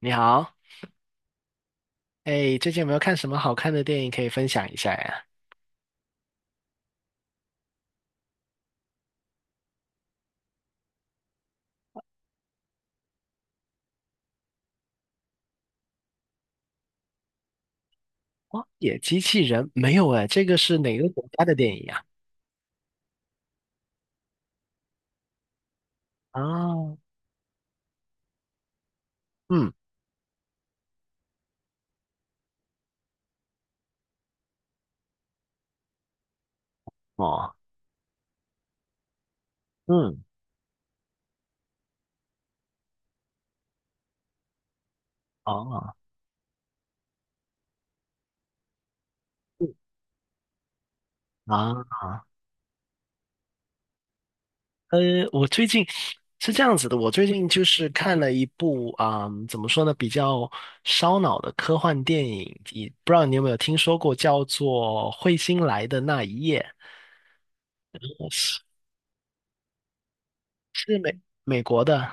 你好。哎，最近有没有看什么好看的电影可以分享一下呀？《荒野机器人》没有哎，这个是哪个国家的电影呀？啊。嗯。哦。嗯。哦。嗯啊，呃，我最近是这样子的，我最近就是看了一部怎么说呢，比较烧脑的科幻电影，你不知道你有没有听说过，叫做《彗星来的那一夜》，是是美国的。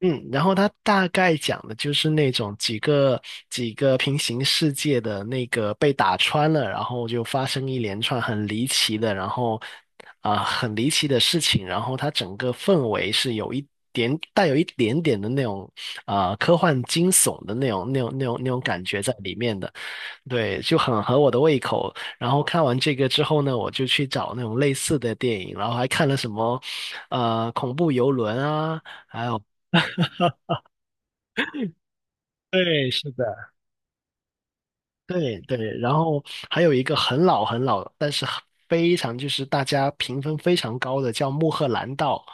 嗯，然后它大概讲的就是那种几个平行世界的那个被打穿了，然后就发生一连串很离奇的，然后很离奇的事情，然后它整个氛围是有一点带有一点点的那种科幻惊悚的那种感觉在里面的。对，就很合我的胃口。然后看完这个之后呢，我就去找那种类似的电影，然后还看了什么恐怖游轮啊。对，是的。对对，然后还有一个很老，但是非常就是大家评分非常高的叫《穆赫兰道》。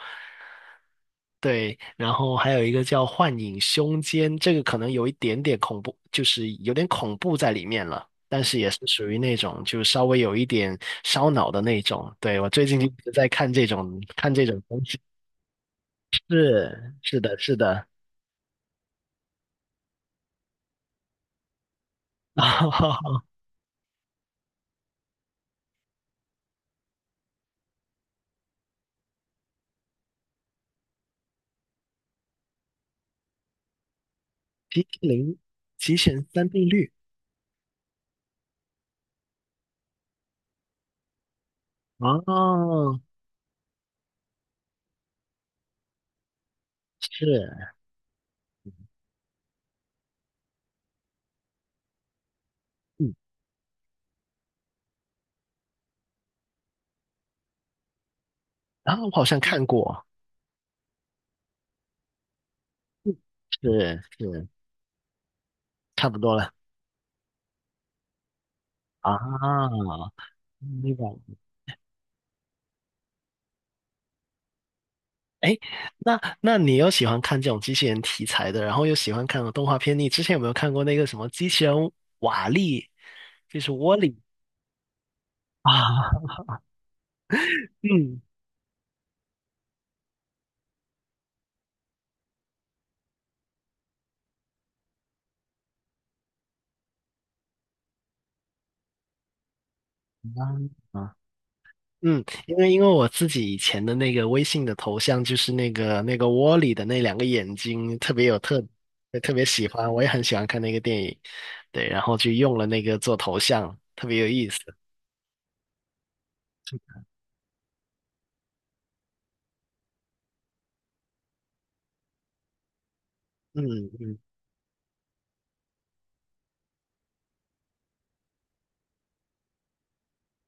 对，然后还有一个叫《幻影凶间》，这个可能有一点点恐怖，就是有点恐怖在里面了，但是也是属于那种就稍微有一点烧脑的那种。对，我最近一直在看这种东西。是的，啊，冰淇淋极限三定律。哦，是。嗯。啊，我好像看过。嗯，是是，差不多了啊。明白。哎，那那你又喜欢看这种机器人题材的，然后又喜欢看动画片，你之前有没有看过那个什么机器人瓦力，就是 Wall-E？ 啊？嗯。啊。嗯，因为因为我自己以前的那个微信的头像就是那个窝里的那两个眼睛特别有特，特别喜欢，我也很喜欢看那个电影。对，然后就用了那个做头像，特别有意思。嗯。嗯。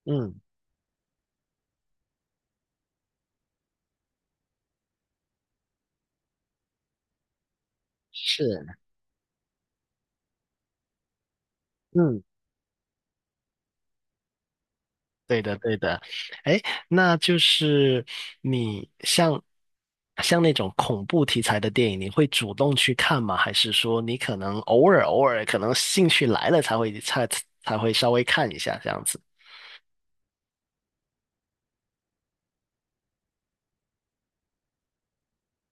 嗯。是。嗯。对的对的。哎，那就是你像像那种恐怖题材的电影，你会主动去看吗？还是说你可能偶尔可能兴趣来了才会稍微看一下这样子？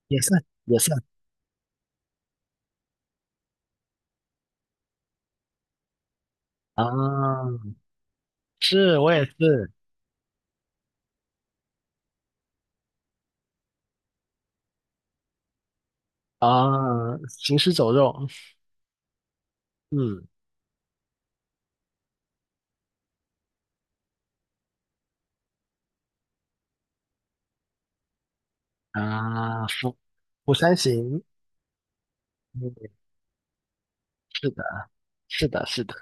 也算也算。啊，是我也是。啊，行尸走肉。嗯。啊,釜山行嗯，是的，是的，是的。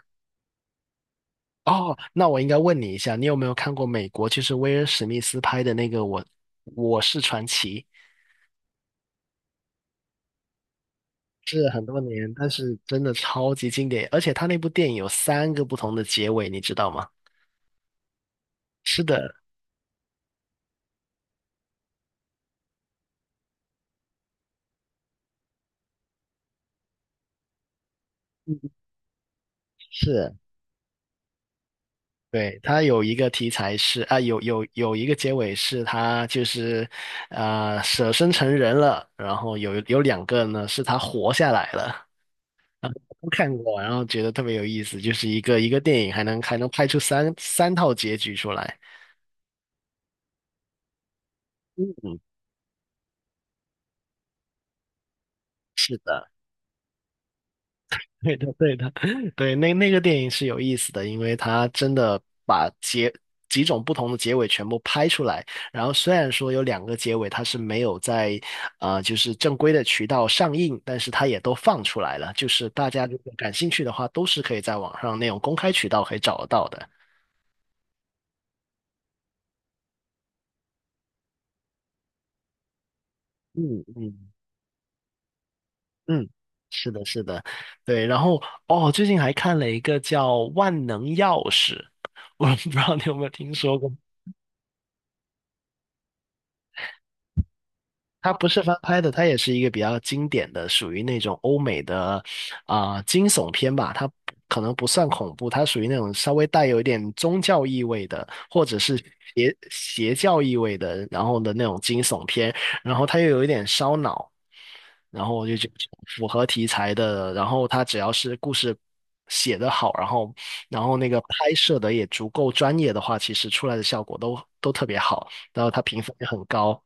哦，那我应该问你一下，你有没有看过美国就是威尔史密斯拍的那个我是传奇？是很多年，但是真的超级经典，而且他那部电影有三个不同的结尾，你知道吗？是的。是。对，它有一个题材是有有一个结尾是他就是舍身成人了，然后有两个呢是他活下来了，都看过，然后觉得特别有意思，就是一个电影还能拍出三套结局出来。嗯，是的。对的，对的。对，那那个电影是有意思的，因为它真的把结几种不同的结尾全部拍出来。然后虽然说有两个结尾它是没有在就是正规的渠道上映，但是它也都放出来了。就是大家如果感兴趣的话，都是可以在网上那种公开渠道可以找得到的。嗯。嗯。嗯。是的，是的，对。然后哦，最近还看了一个叫《万能钥匙》，我不知道你有没有听说过。它不是翻拍的，它也是一个比较经典的，属于那种欧美的惊悚片吧。它可能不算恐怖，它属于那种稍微带有一点宗教意味的，或者是邪教意味的，然后的那种惊悚片。然后它又有一点烧脑，然后我就觉得符合题材的。然后它只要是故事写得好，然后然后那个拍摄的也足够专业的话，其实出来的效果都特别好，然后它评分也很高。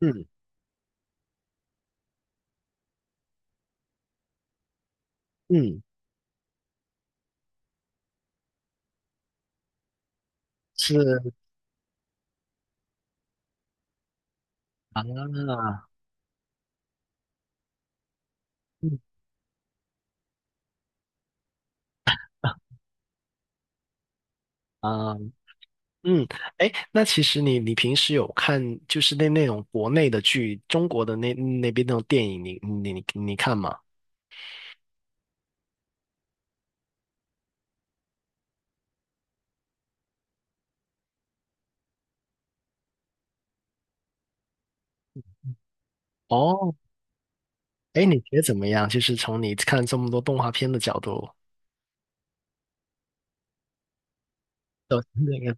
嗯。嗯。是。啊。嗯。啊。嗯。哎，那其实你你平时有看就是那那种国内的剧，中国的那那边那种电影，你看吗？哦。哎，你觉得怎么样？就是从你看这么多动画片的角度。都那个。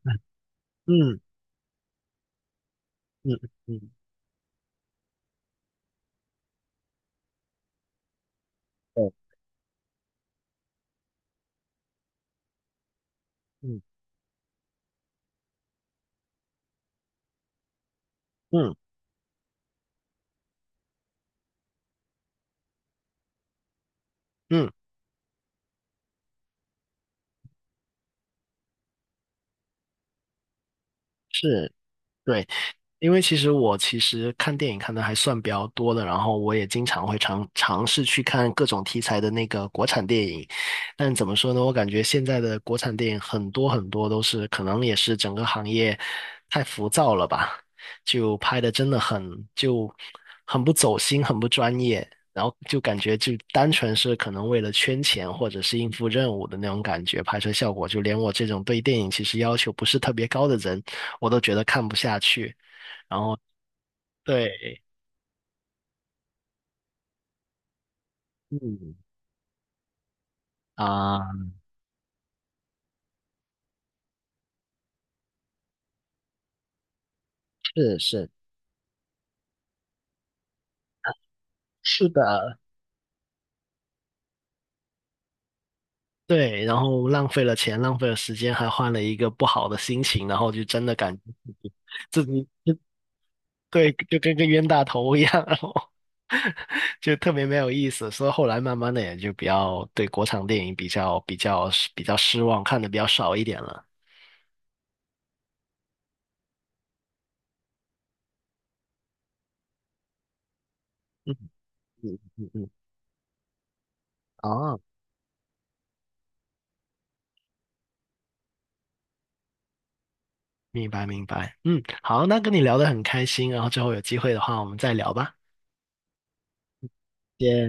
嗯。嗯。嗯。对。嗯。嗯。嗯。是。对。因为其实我其实看电影看的还算比较多的，然后我也经常会尝试去看各种题材的那个国产电影，但怎么说呢，我感觉现在的国产电影很多都是可能也是整个行业太浮躁了吧，就拍的真的很不走心，很不专业，然后就感觉就单纯是可能为了圈钱或者是应付任务的那种感觉，拍摄效果就连我这种对电影其实要求不是特别高的人，我都觉得看不下去。然后对。嗯。啊，是是的，对，然后浪费了钱，浪费了时间，还换了一个不好的心情，然后就真的感觉自己对，就跟个冤大头一样，然后就特别没有意思。所以后来慢慢的也就比较对国产电影比较失望，看的比较少一点了。嗯。嗯。嗯。嗯。哦，明白明白。嗯，好，那跟你聊的很开心，然后之后有机会的话我们再聊吧，谢谢。